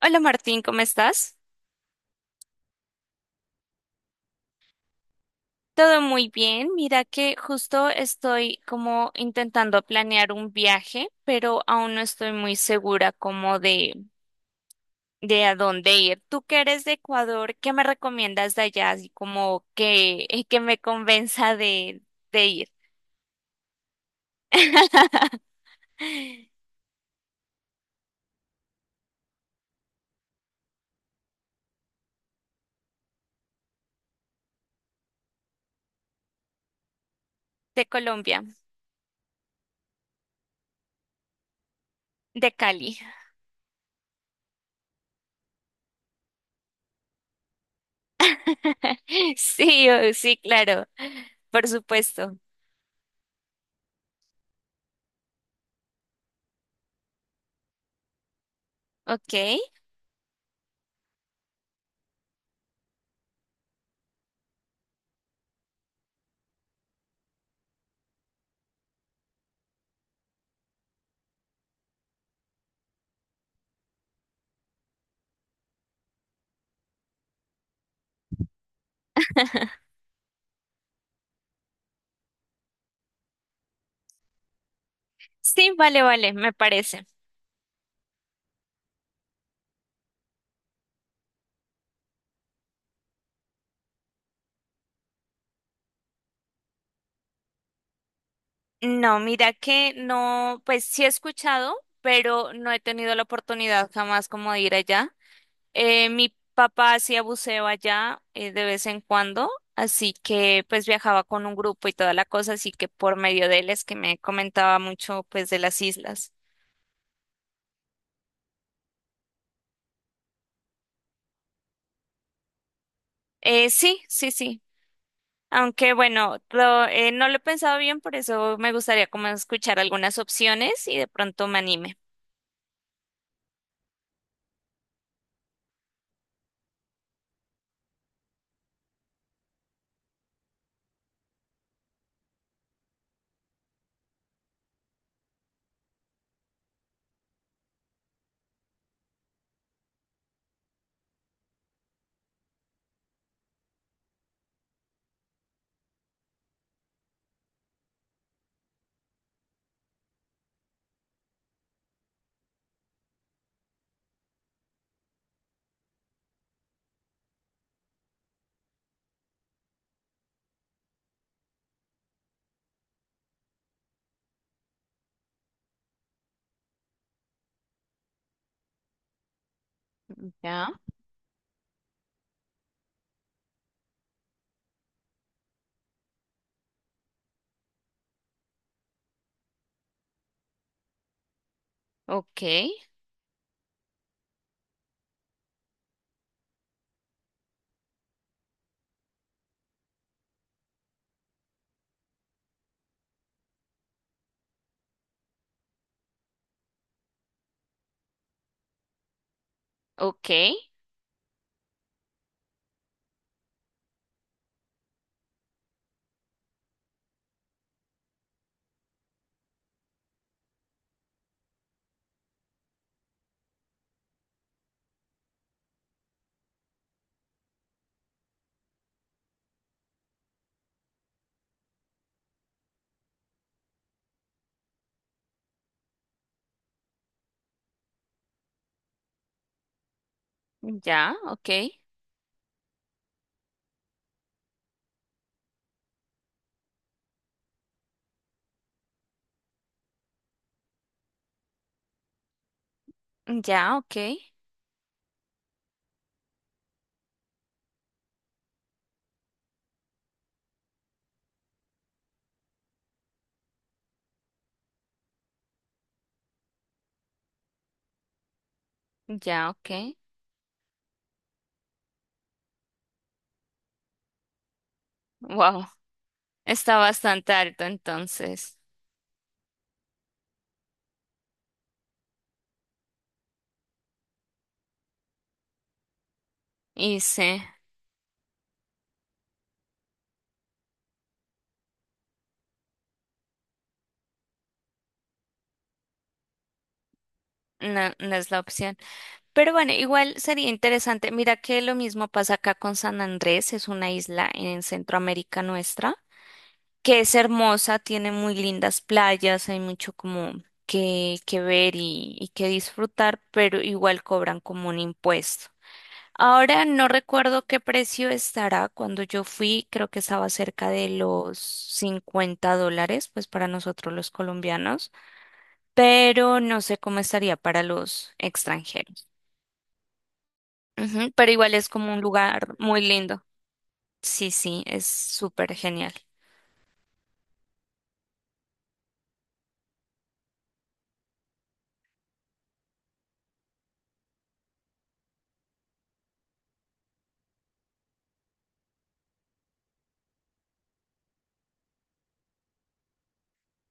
Hola Martín, ¿cómo estás? Todo muy bien. Mira que justo estoy como intentando planear un viaje, pero aún no estoy muy segura como de a dónde ir. Tú que eres de Ecuador, ¿qué me recomiendas de allá? Así como que, que me convenza de ir. De Colombia, de Cali. Sí, sí, claro. Por supuesto. Ok. Sí, vale, vale, me parece. No, mira que no, pues sí he escuchado, pero no he tenido la oportunidad jamás como de ir allá. Mi papá hacía buceo allá de vez en cuando, así que pues viajaba con un grupo y toda la cosa, así que por medio de él es que me comentaba mucho pues de las islas. Sí, sí, sí. Aunque bueno, no lo he pensado bien, por eso me gustaría como escuchar algunas opciones y de pronto me anime. Ya, ok, ok, ya, ok. Ya, ok, ya, ok. Wow, está bastante alto entonces. Y sí, no, no es la opción. Pero bueno, igual sería interesante. Mira que lo mismo pasa acá con San Andrés, es una isla en Centroamérica nuestra, que es hermosa, tiene muy lindas playas, hay mucho como que ver y que disfrutar, pero igual cobran como un impuesto. Ahora no recuerdo qué precio estará. Cuando yo fui, creo que estaba cerca de los $50, pues para nosotros los colombianos, pero no sé cómo estaría para los extranjeros. Ujú, pero igual es como un lugar muy lindo. Sí, sí, es súper genial.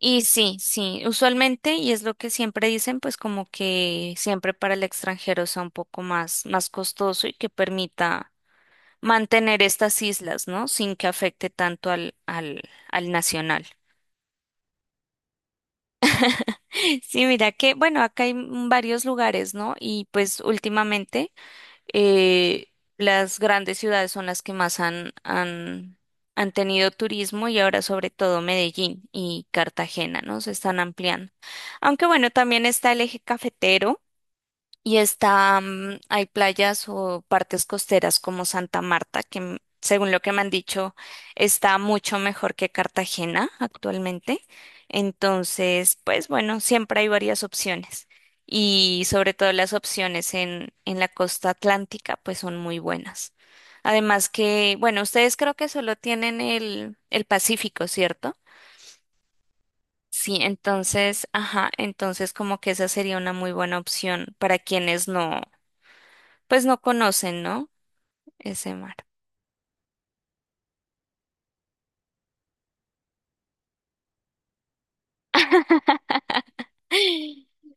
Y sí, sí, usualmente, y es lo que siempre dicen, pues como que siempre para el extranjero sea un poco más, más costoso y que permita mantener estas islas, ¿no? Sin que afecte tanto al nacional. Sí, mira que, bueno, acá hay varios lugares, ¿no? Y pues últimamente eh, las grandes ciudades son las que más han tenido turismo y ahora sobre todo Medellín y Cartagena, ¿no? Se están ampliando. Aunque bueno, también está el eje cafetero. Y está, hay playas o partes costeras como Santa Marta, que según lo que me han dicho, está mucho mejor que Cartagena actualmente. Entonces, pues bueno, siempre hay varias opciones. Y sobre todo las opciones en la costa atlántica, pues son muy buenas. Además que, bueno, ustedes creo que solo tienen el Pacífico, ¿cierto? Sí, entonces, ajá, entonces como que esa sería una muy buena opción para quienes no pues no conocen, ¿no? Ese mar.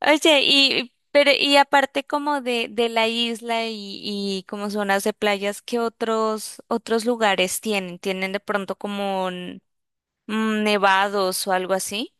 Oye, y pero y aparte como de la isla y como zonas de playas, ¿qué otros lugares tienen? ¿Tienen de pronto como nevados o algo así?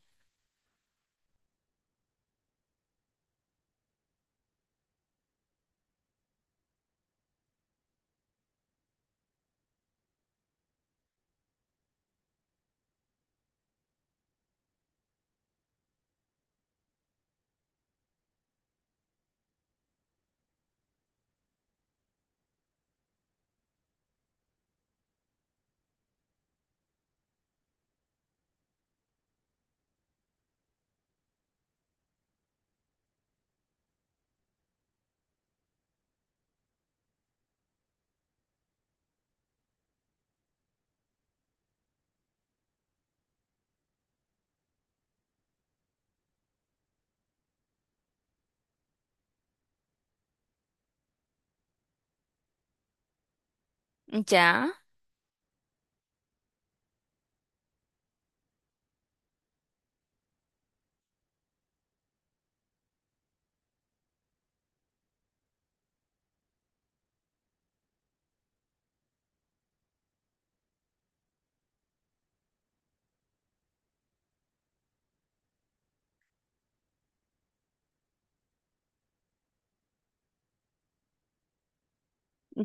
Ya,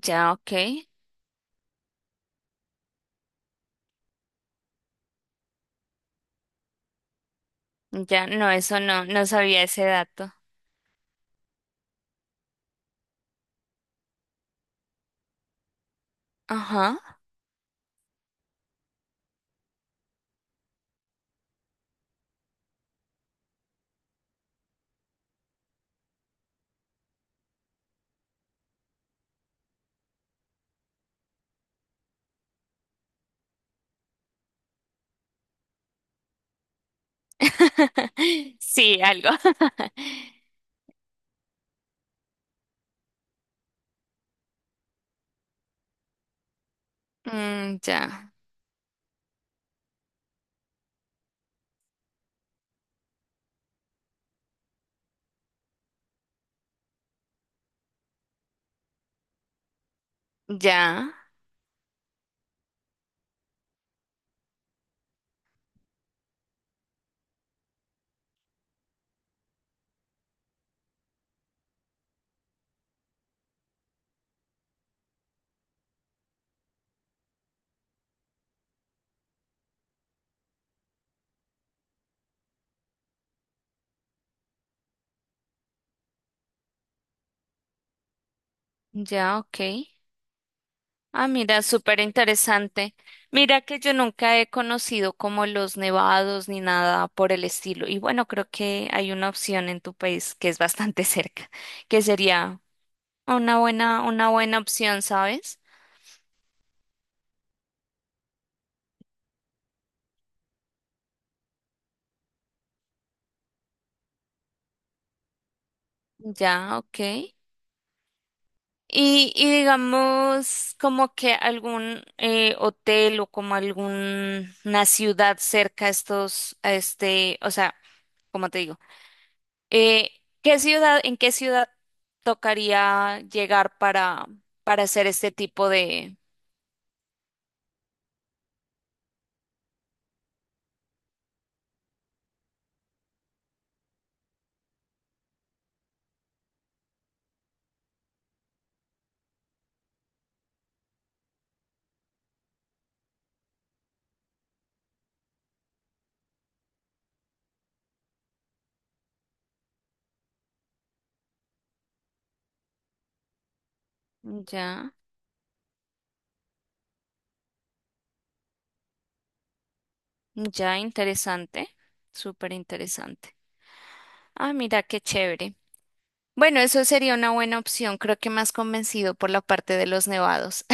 ya, ok. Ya, no, eso no, no sabía ese dato. Ajá. Sí, algo. Ya, ya, ya, ok. Ah, mira, súper interesante. Mira que yo nunca he conocido como los nevados ni nada por el estilo. Y bueno, creo que hay una opción en tu país que es bastante cerca, que sería una buena opción, ¿sabes? Ya, ok. Y digamos como que algún hotel o como alguna ciudad cerca a estos, a este, o sea, como te digo? Eh, ¿Qué ciudad, en qué ciudad tocaría llegar para hacer este tipo de... Ya, ya, interesante, súper interesante. Ah, mira, qué chévere. Bueno, eso sería una buena opción. Creo que más convencido por la parte de los nevados.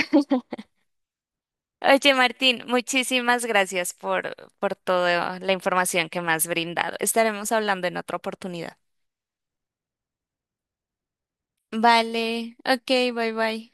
Oye, Martín, muchísimas gracias por toda la información que me has brindado. Estaremos hablando en otra oportunidad. Vale, ok, bye bye.